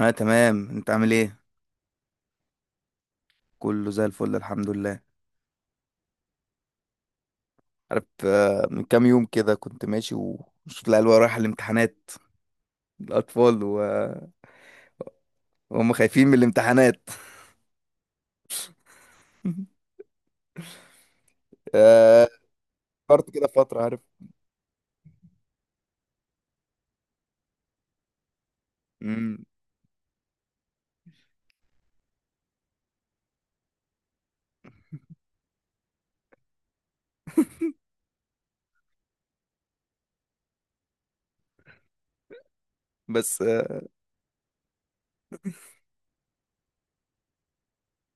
اه تمام، انت عامل ايه؟ كله زي الفل الحمد لله. عارف، من كام يوم كده كنت ماشي وشفت العيال رايحه الامتحانات، الاطفال وهم خايفين من الامتحانات. آه، فكرت كده فتره، عارف. مم، بس،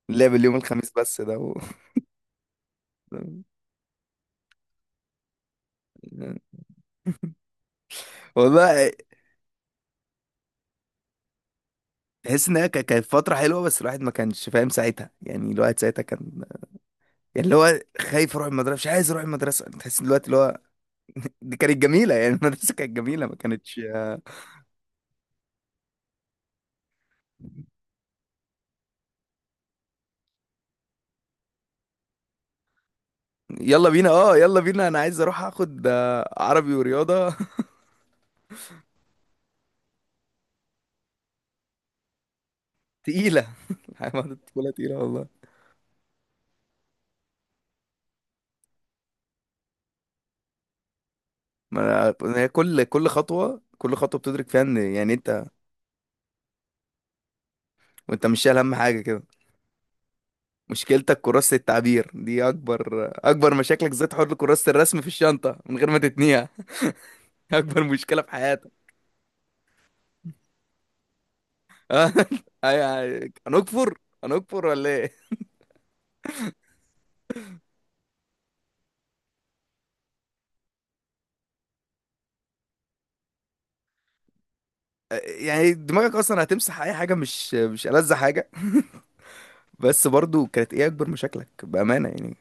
اللعب اليوم الخميس بس ده والله تحس ان هي كانت فتره حلوه، بس الواحد ما كانش فاهم ساعتها، يعني الواحد ساعتها كان يعني اللي هو خايف يروح المدرسه، مش عايز يروح المدرسه، تحس ان دلوقتي اللي هو دي كانت جميله، يعني المدرسه كانت جميله ما كانتش يلا بينا، اه يلا بينا، انا عايز اروح اخد، عربي ورياضه. تقيله. حاجه الطفوله تقيله والله. ما أنا- هي كل خطوه كل خطوه بتدرك فيها ان يعني انت وانت مش شايل هم حاجه كده. مشكلتك كراسه التعبير دي اكبر مشاكلك، زي تحط كراسه الرسم في الشنطه من غير ما تتنيها. اكبر مشكله في حياتك. آه، أيوة، هنكفر، هنكفر ولا ايه؟ يعني دماغك اصلا هتمسح اي حاجه، مش مش ألذ حاجه. بس برضو كانت ايه اكبر مشاكلك بامانه يعني؟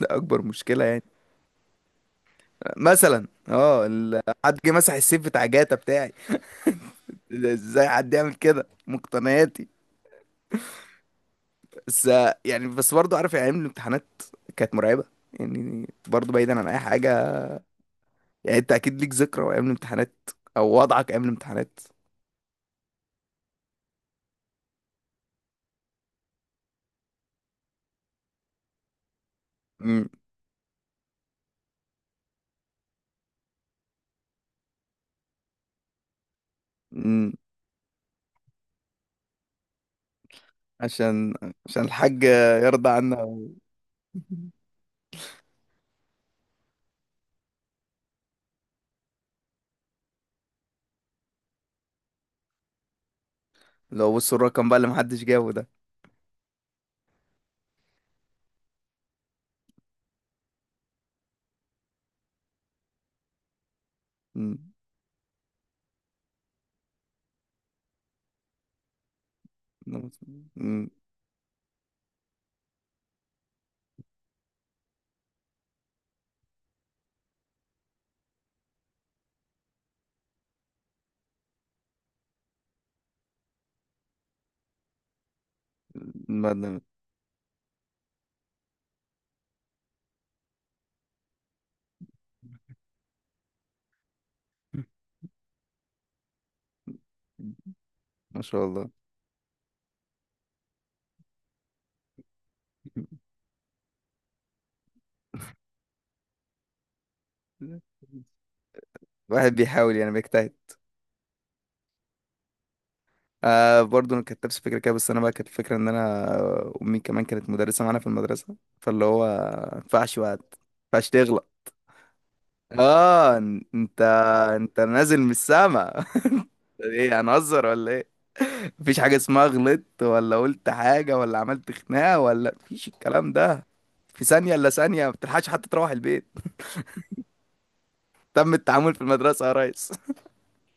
ده اكبر مشكله يعني؟ مثلا اه حد جه مسح السيف بتاع جاتا بتاعي. ازاي حد يعمل كده مقتنياتي؟ بس يعني، بس برضه عارف يعني ايام الامتحانات كانت مرعبه. يعني برضه بعيدا عن اي حاجه، يعني انت اكيد ليك ذكرى ايام الامتحانات او وضعك ايام الامتحانات. امم. امم. عشان، عشان الحاج يرضى عنا. لو بصوا الرقم بقى اللي محدش جابه ده. امم. امم. ما ما شاء الله. الواحد بيحاول يعني، بيجتهد. آه برضه انا كانت نفس الفكره كده، بس انا بقى كانت الفكره ان انا امي كمان كانت مدرسه معانا في المدرسه، فاللي هو ما ينفعش بقى ما ينفعش تغلط. اه، انت، انت نازل من السما. ايه هنهزر ولا ايه؟ مفيش حاجه اسمها غلطت ولا قلت حاجه ولا عملت خناقه، ولا مفيش الكلام ده. في ثانيه الا ثانيه، ما بتلحقش حتى تروح البيت، تم التعامل في المدرسه يا ريس.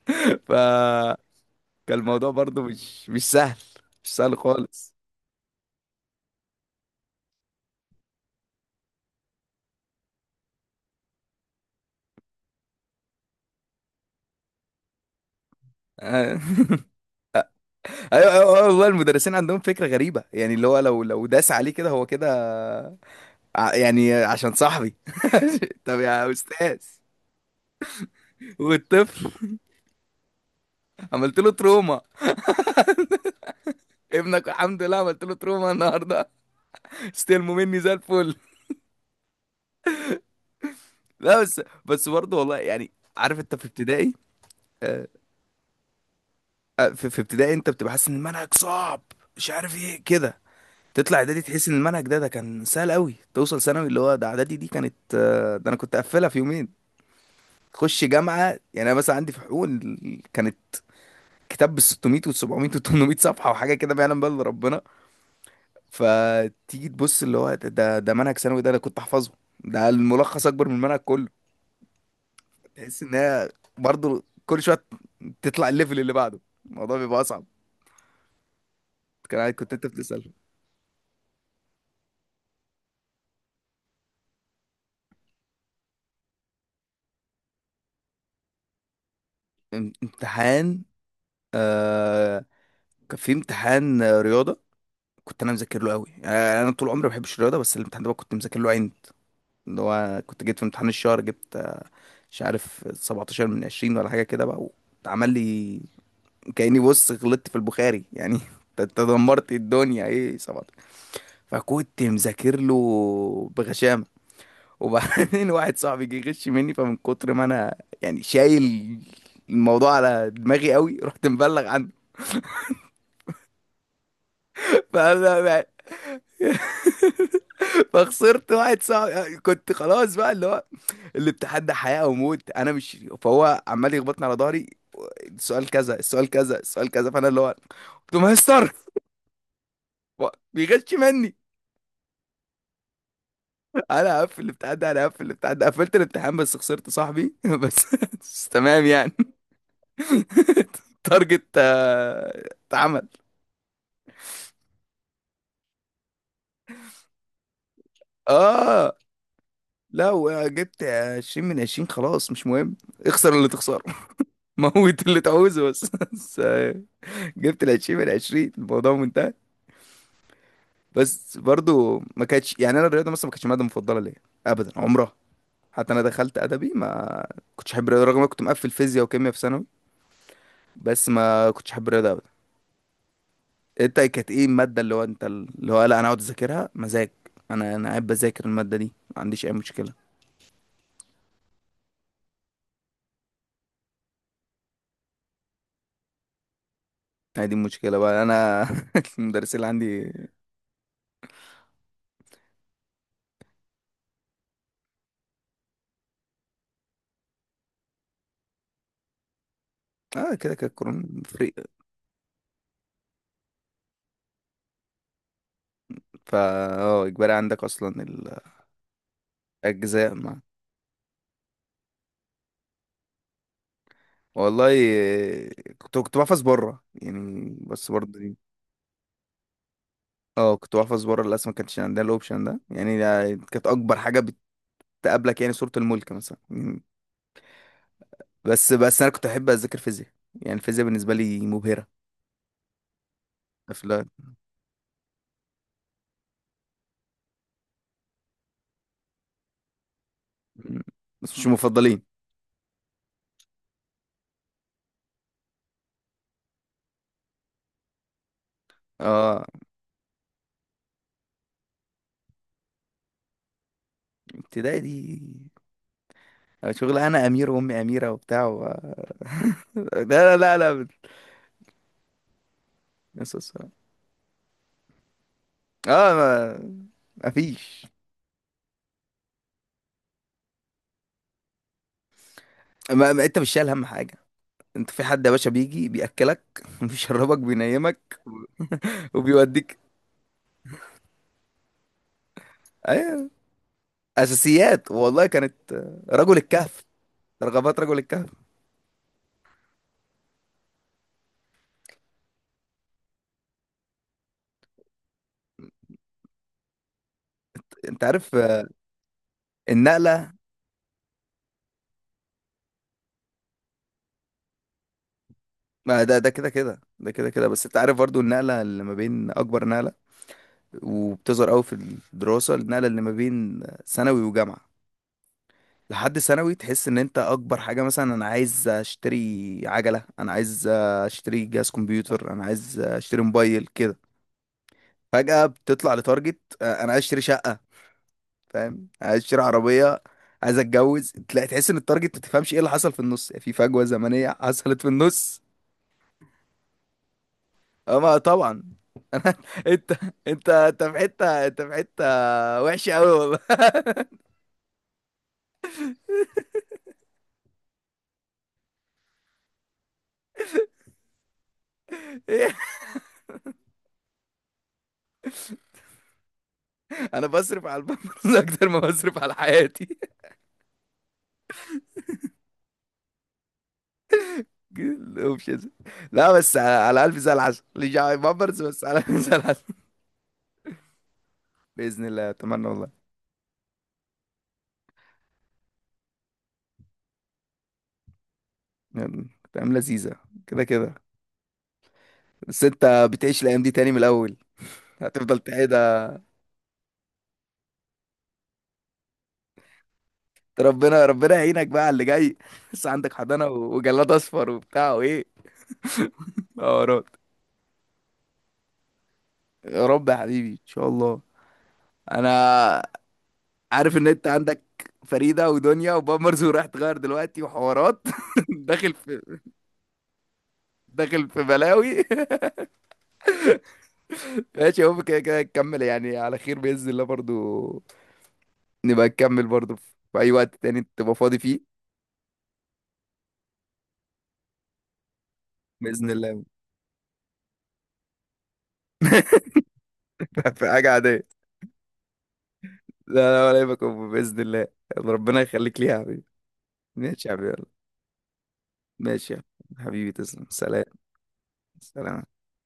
فكان الموضوع برضه مش، مش سهل، مش سهل خالص. آه. ايوه ايوه، أيوة، والله المدرسين عندهم فكره غريبه، يعني اللي هو لو داس عليه كده هو كده، يعني عشان صاحبي. طب يا استاذ، والطفل عملت له تروما، ابنك الحمد لله عملت له تروما النهارده. استلموا مني زي الفل. لا بس، بس برضه والله يعني عارف انت في ابتدائي، آه، في في ابتدائي انت بتبقى حاسس ان المنهج صعب، مش عارف ايه كده. تطلع اعدادي تحس ان المنهج ده، كان سهل قوي. توصل ثانوي اللي هو ده، اعدادي دي كانت، ده انا كنت قافلها في يومين. تخش جامعه، يعني انا مثلا عندي في حقوق كانت كتاب بال 600 وال 700 وال 800 صفحه وحاجه كده ما يعلم بها الا ربنا. فتيجي تبص اللي هو ده، ده منهج ثانوي ده انا كنت احفظه. ده الملخص اكبر من المنهج كله. تحس ان هي برضه كل شويه تطلع الليفل اللي بعده، الموضوع بيبقى اصعب. كان عايز- كنت انت بتسال امتحان. آه، كان في امتحان، رياضه، كنت انا مذاكر له قوي، يعني انا طول عمري ما بحبش الرياضه، بس الامتحان ده بقى كنت مذاكر له عند اللي هو، كنت جيت في امتحان الشهر جبت مش عارف 17 من 20 ولا حاجه كده بقى، واتعمل لي كاني بص غلطت في البخاري يعني. انت، أنت دمرت الدنيا ايه 17. فكنت مذاكر له بغشامه. وبعدين واحد صاحبي جه يغش مني، فمن كتر ما انا يعني شايل الموضوع على دماغي قوي رحت مبلغ عنه. فانا فخسرت واحد صاحبي، كنت خلاص بقى اللي هو الامتحان ده حياة أو موت، أنا مش، فهو عمال يخبطني على ظهري، السؤال كذا، السؤال كذا، السؤال كذا، فأنا اللي هو قلت له مستر بيغش مني. أنا هقفل الامتحان ده، أنا هقفل الامتحان ده. قفلت الامتحان بس خسرت صاحبي. بس، بس تمام يعني. تارجت، اتعمل. اه لا، وجبت 20 من 20 خلاص مش مهم. اخسر اللي تخسره، موت اللي تعوزه، بس بس جبت ال 20 من 20، الموضوع منتهى. بس برضو ما كانتش يعني، انا الرياضه مثلا ما كانتش ماده مفضله ليا ابدا عمرها. حتى انا دخلت ادبي، ما كنتش احب الرياضه، رغم إن انا كنت مقفل فيزياء وكيمياء في ثانوي، بس ما كنتش احب الرياضه ابدا. انت كانت ايه الماده اللي هو انت اللي هو، لا انا اقعد اذاكرها مزاج، انا انا قاعد بذاكر الماده دي، ما عنديش اي مشكله؟ هي دي المشكله بقى انا. المدرسين اللي عندي، اه كده كده كورونا فري. فا اه، اجباري عندك اصلا الاجزاء؟ والله، آه، كنت بحفظ بره، يعني بس برضه دي، اه كنت بحفظ بره للاسف، ما كانش عندنا الاوبشن ده يعني. ده كانت اكبر حاجه بتقابلك، يعني صوره الملك مثلا. مم. بس، بس انا كنت احب اذاكر فيزياء، يعني الفيزياء بالنسبه لي مبهره. في مم. بس مش المفضلين. اه ابتدائي دي شغل انا امير وامي اميره وبتاع لا لا لا لا. بس- بس- اه ما... مفيش، ما انت مش شايل هم حاجه، انت في حد يا باشا بيجي بياكلك بيشربك بينيمك وبيوديك. ايوه، اساسيات. والله كانت، رجل الكهف، رغبات رجل الكهف. انت عارف، النقله، ما ده كده كده، ده كده بس انت عارف برضو النقله اللي ما بين، اكبر نقله وبتظهر قوي في الدراسه، النقله اللي ما بين ثانوي وجامعه. لحد ثانوي تحس ان انت اكبر حاجه مثلا انا عايز اشتري عجله، انا عايز اشتري جهاز كمبيوتر، انا عايز اشتري موبايل كده. فجاه بتطلع لتارجت، انا عايز اشتري شقه، فاهم، عايز اشتري عربيه، عايز اتجوز، تلاقي تحس ان التارجت ما تفهمش ايه اللي حصل في النص، في فجوه زمنيه حصلت في النص. اما طبعا. انا، انت انت انت في حته، انت في حته وحشه قوي والله. انا بصرف على البنبلز اكتر ما بصرف على حياتي. الاوبشنز. لا، بس على، على الف زي العسل، مش على بامبرز بس، على الف زي العسل. باذن الله، اتمنى والله، يعني كلام لذيذه كده كده، بس انت بتعيش الايام دي تاني من الاول، هتفضل تعيد. ربنا ربنا يعينك بقى على اللي جاي. لسه عندك حضانة و- وجلاد اصفر وبتاع وايه، حوارات. يا رب يا حبيبي، ان شاء الله. انا عارف ان انت عندك فريدة ودنيا وبامرز وراح تغير دلوقتي وحوارات. داخل في، داخل في بلاوي. ماشي، هو كده كده نكمل يعني، على خير بإذن الله، برضو نبقى نكمل برضو في في اي وقت تاني تبقى فاضي فيه، بإذن الله. في حاجة عادية، لا لا، ولا يبقى، بإذن الله. ربنا يخليك ليها يا حبيبي. ماشي يا حبيبي، ماشي يا حبيبي، تسلم، سلام. سلام.